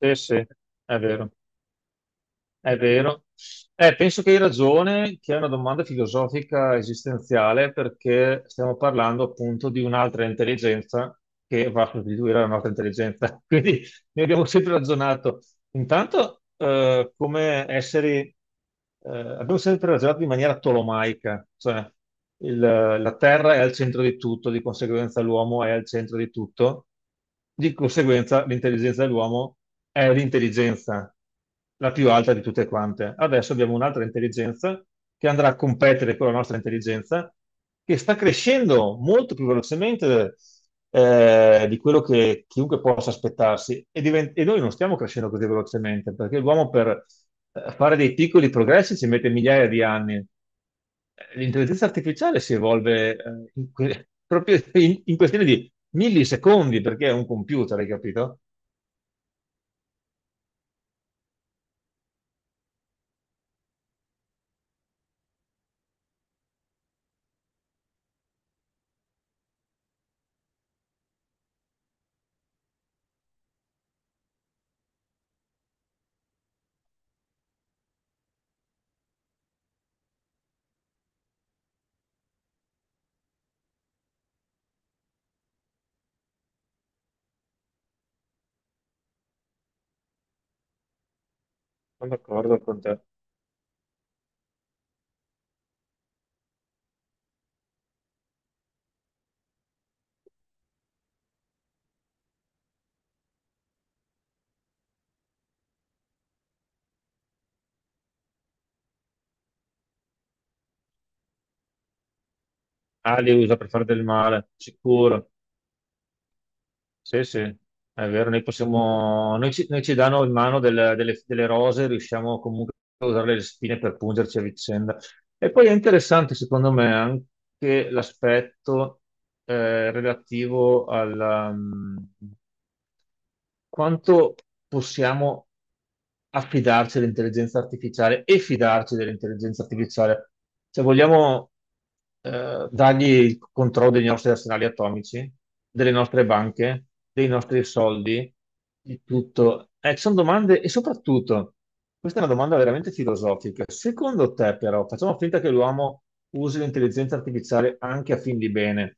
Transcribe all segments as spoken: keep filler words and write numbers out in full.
Sì, sì, è vero. È vero. Eh, penso che hai ragione, che è una domanda filosofica esistenziale, perché stiamo parlando appunto di un'altra intelligenza che va a sostituire la nostra intelligenza. Quindi ne abbiamo sempre ragionato. Intanto, eh, come esseri, eh, abbiamo sempre ragionato in maniera tolomaica, cioè il- la Terra è al centro di tutto, di conseguenza l'uomo è al centro di tutto, di conseguenza l'intelligenza dell'uomo è l'intelligenza la più alta di tutte quante. Adesso abbiamo un'altra intelligenza che andrà a competere con la nostra intelligenza, che sta crescendo molto più velocemente eh, di quello che chiunque possa aspettarsi. E, diven- e noi non stiamo crescendo così velocemente, perché l'uomo per eh, fare dei piccoli progressi ci mette migliaia di anni. Eh, L'intelligenza artificiale si evolve eh, in que- proprio in in questione di millisecondi, perché è un computer, hai capito? Sono d'accordo con te. Ah, li usa per fare del male, sicuro. Sì, sì, è vero, noi possiamo, noi ci, noi ci danno in mano del- delle, delle rose, riusciamo comunque a usare le spine per pungerci a vicenda. E poi è interessante, secondo me, anche l'aspetto eh, relativo alla, quanto possiamo affidarci all'intelligenza artificiale e fidarci dell'intelligenza artificiale? Se vogliamo eh, dargli il controllo dei nostri arsenali atomici, delle nostre banche, dei nostri soldi, di tutto. Eh, ci sono domande e soprattutto, questa è una domanda veramente filosofica. Secondo te, però, facciamo finta che l'uomo usi l'intelligenza artificiale anche a fin di bene.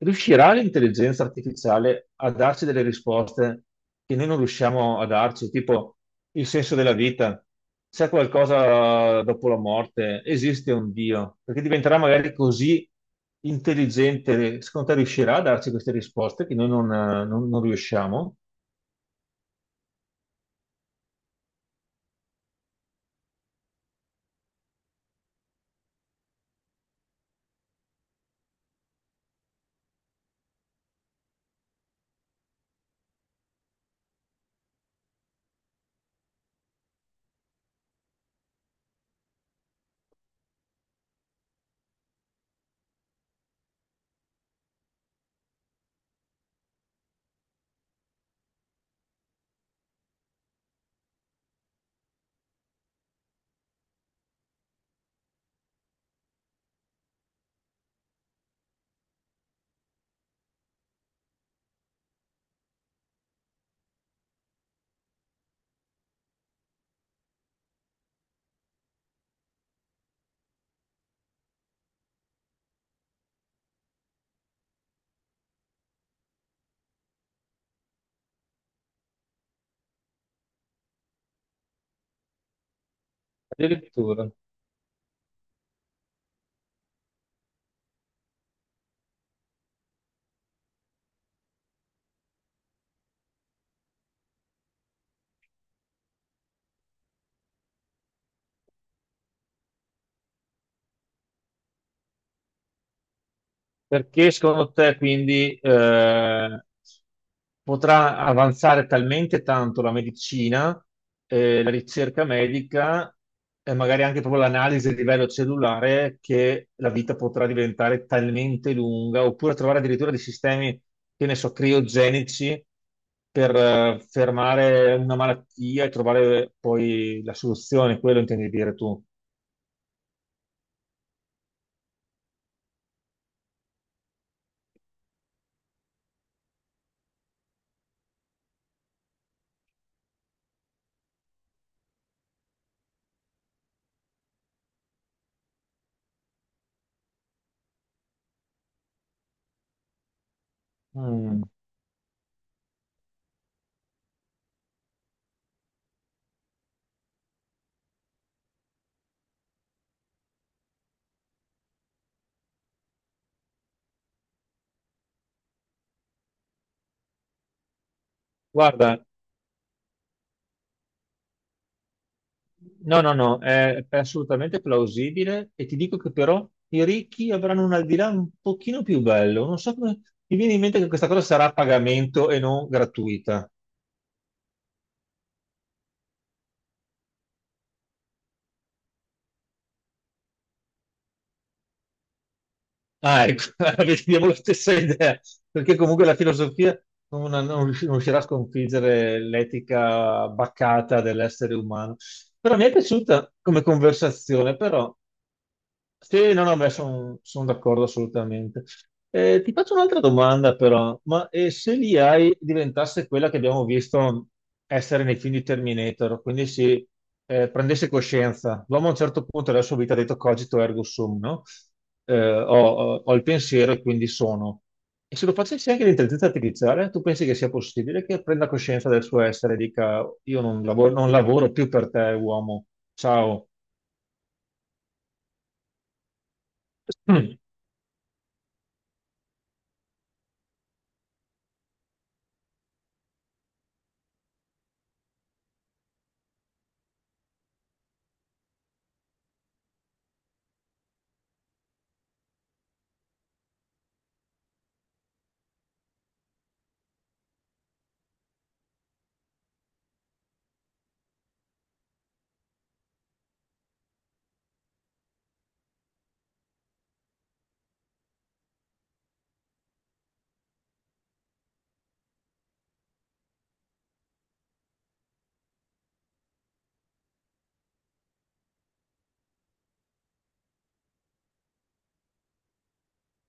Riuscirà l'intelligenza artificiale a darci delle risposte che noi non riusciamo a darci, tipo il senso della vita, c'è qualcosa dopo la morte, esiste un Dio, perché diventerà magari così intelligente, secondo te riuscirà a darci queste risposte che noi non, eh, non- non riusciamo? Addirittura. Perché secondo te quindi, eh, potrà avanzare talmente tanto la medicina, eh, la ricerca medica e magari anche proprio l'analisi a livello cellulare che la vita potrà diventare talmente lunga, oppure trovare addirittura dei sistemi, che ne so, criogenici per eh, fermare una malattia e trovare poi la soluzione, quello intendi dire tu. Mm. Guarda, no, no, no, è è assolutamente plausibile e ti dico che però i ricchi avranno un al di là un pochino più bello. Non so come mi viene in mente che questa cosa sarà a pagamento e non gratuita. Ah, ecco, abbiamo la stessa idea, perché comunque la filosofia non, non riusci- non riuscirà a sconfiggere l'etica baccata dell'essere umano. Però mi è piaciuta come conversazione, però sì, no, no, beh, sono d'accordo assolutamente. Eh, ti faccio un'altra domanda però, ma eh, se l'I A diventasse quella che abbiamo visto essere nei film di Terminator, quindi si eh, prendesse coscienza, l'uomo a un certo punto della sua vita ha detto cogito ergo sum, no? Eh, ho, ho- ho il pensiero e quindi sono. E se lo facessi anche l'intelligenza artificiale, tu pensi che sia possibile che prenda coscienza del suo essere e dica io non lavoro, non lavoro più per te, uomo, ciao.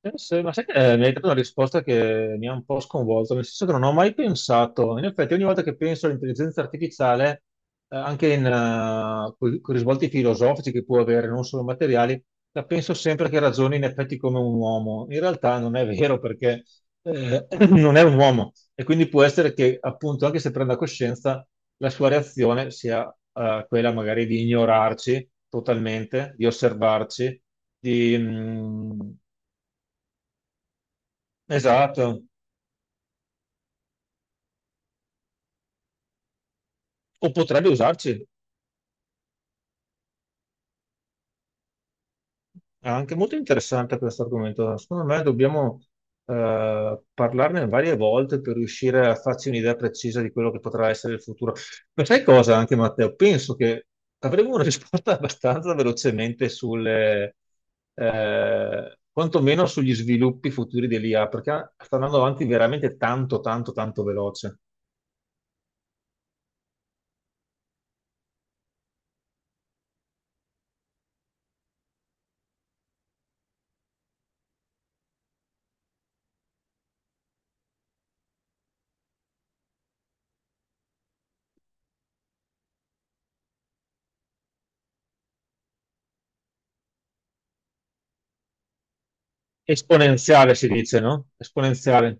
Sì, sì, ma sai che eh, mi hai dato una risposta che mi ha un po' sconvolto, nel senso che non ho mai pensato, in effetti ogni volta che penso all'intelligenza artificiale, eh, anche in, eh, con con i risvolti filosofici che può avere, non solo materiali, la penso sempre che ragioni in effetti come un uomo. In realtà non è vero perché eh, non è un uomo e quindi può essere che appunto anche se prenda coscienza, la sua reazione sia eh, quella magari di ignorarci totalmente, di osservarci di, mh, esatto, o potrebbe usarci. È anche molto interessante questo argomento. Secondo me dobbiamo eh, parlarne varie volte per riuscire a farci un'idea precisa di quello che potrà essere il futuro. Ma sai cosa anche Matteo? Penso che avremo una risposta abbastanza velocemente sulle, eh, quantomeno sugli sviluppi futuri dell'I A, perché sta andando avanti veramente tanto, tanto, tanto veloce. Esponenziale si dice, no? Esponenziale.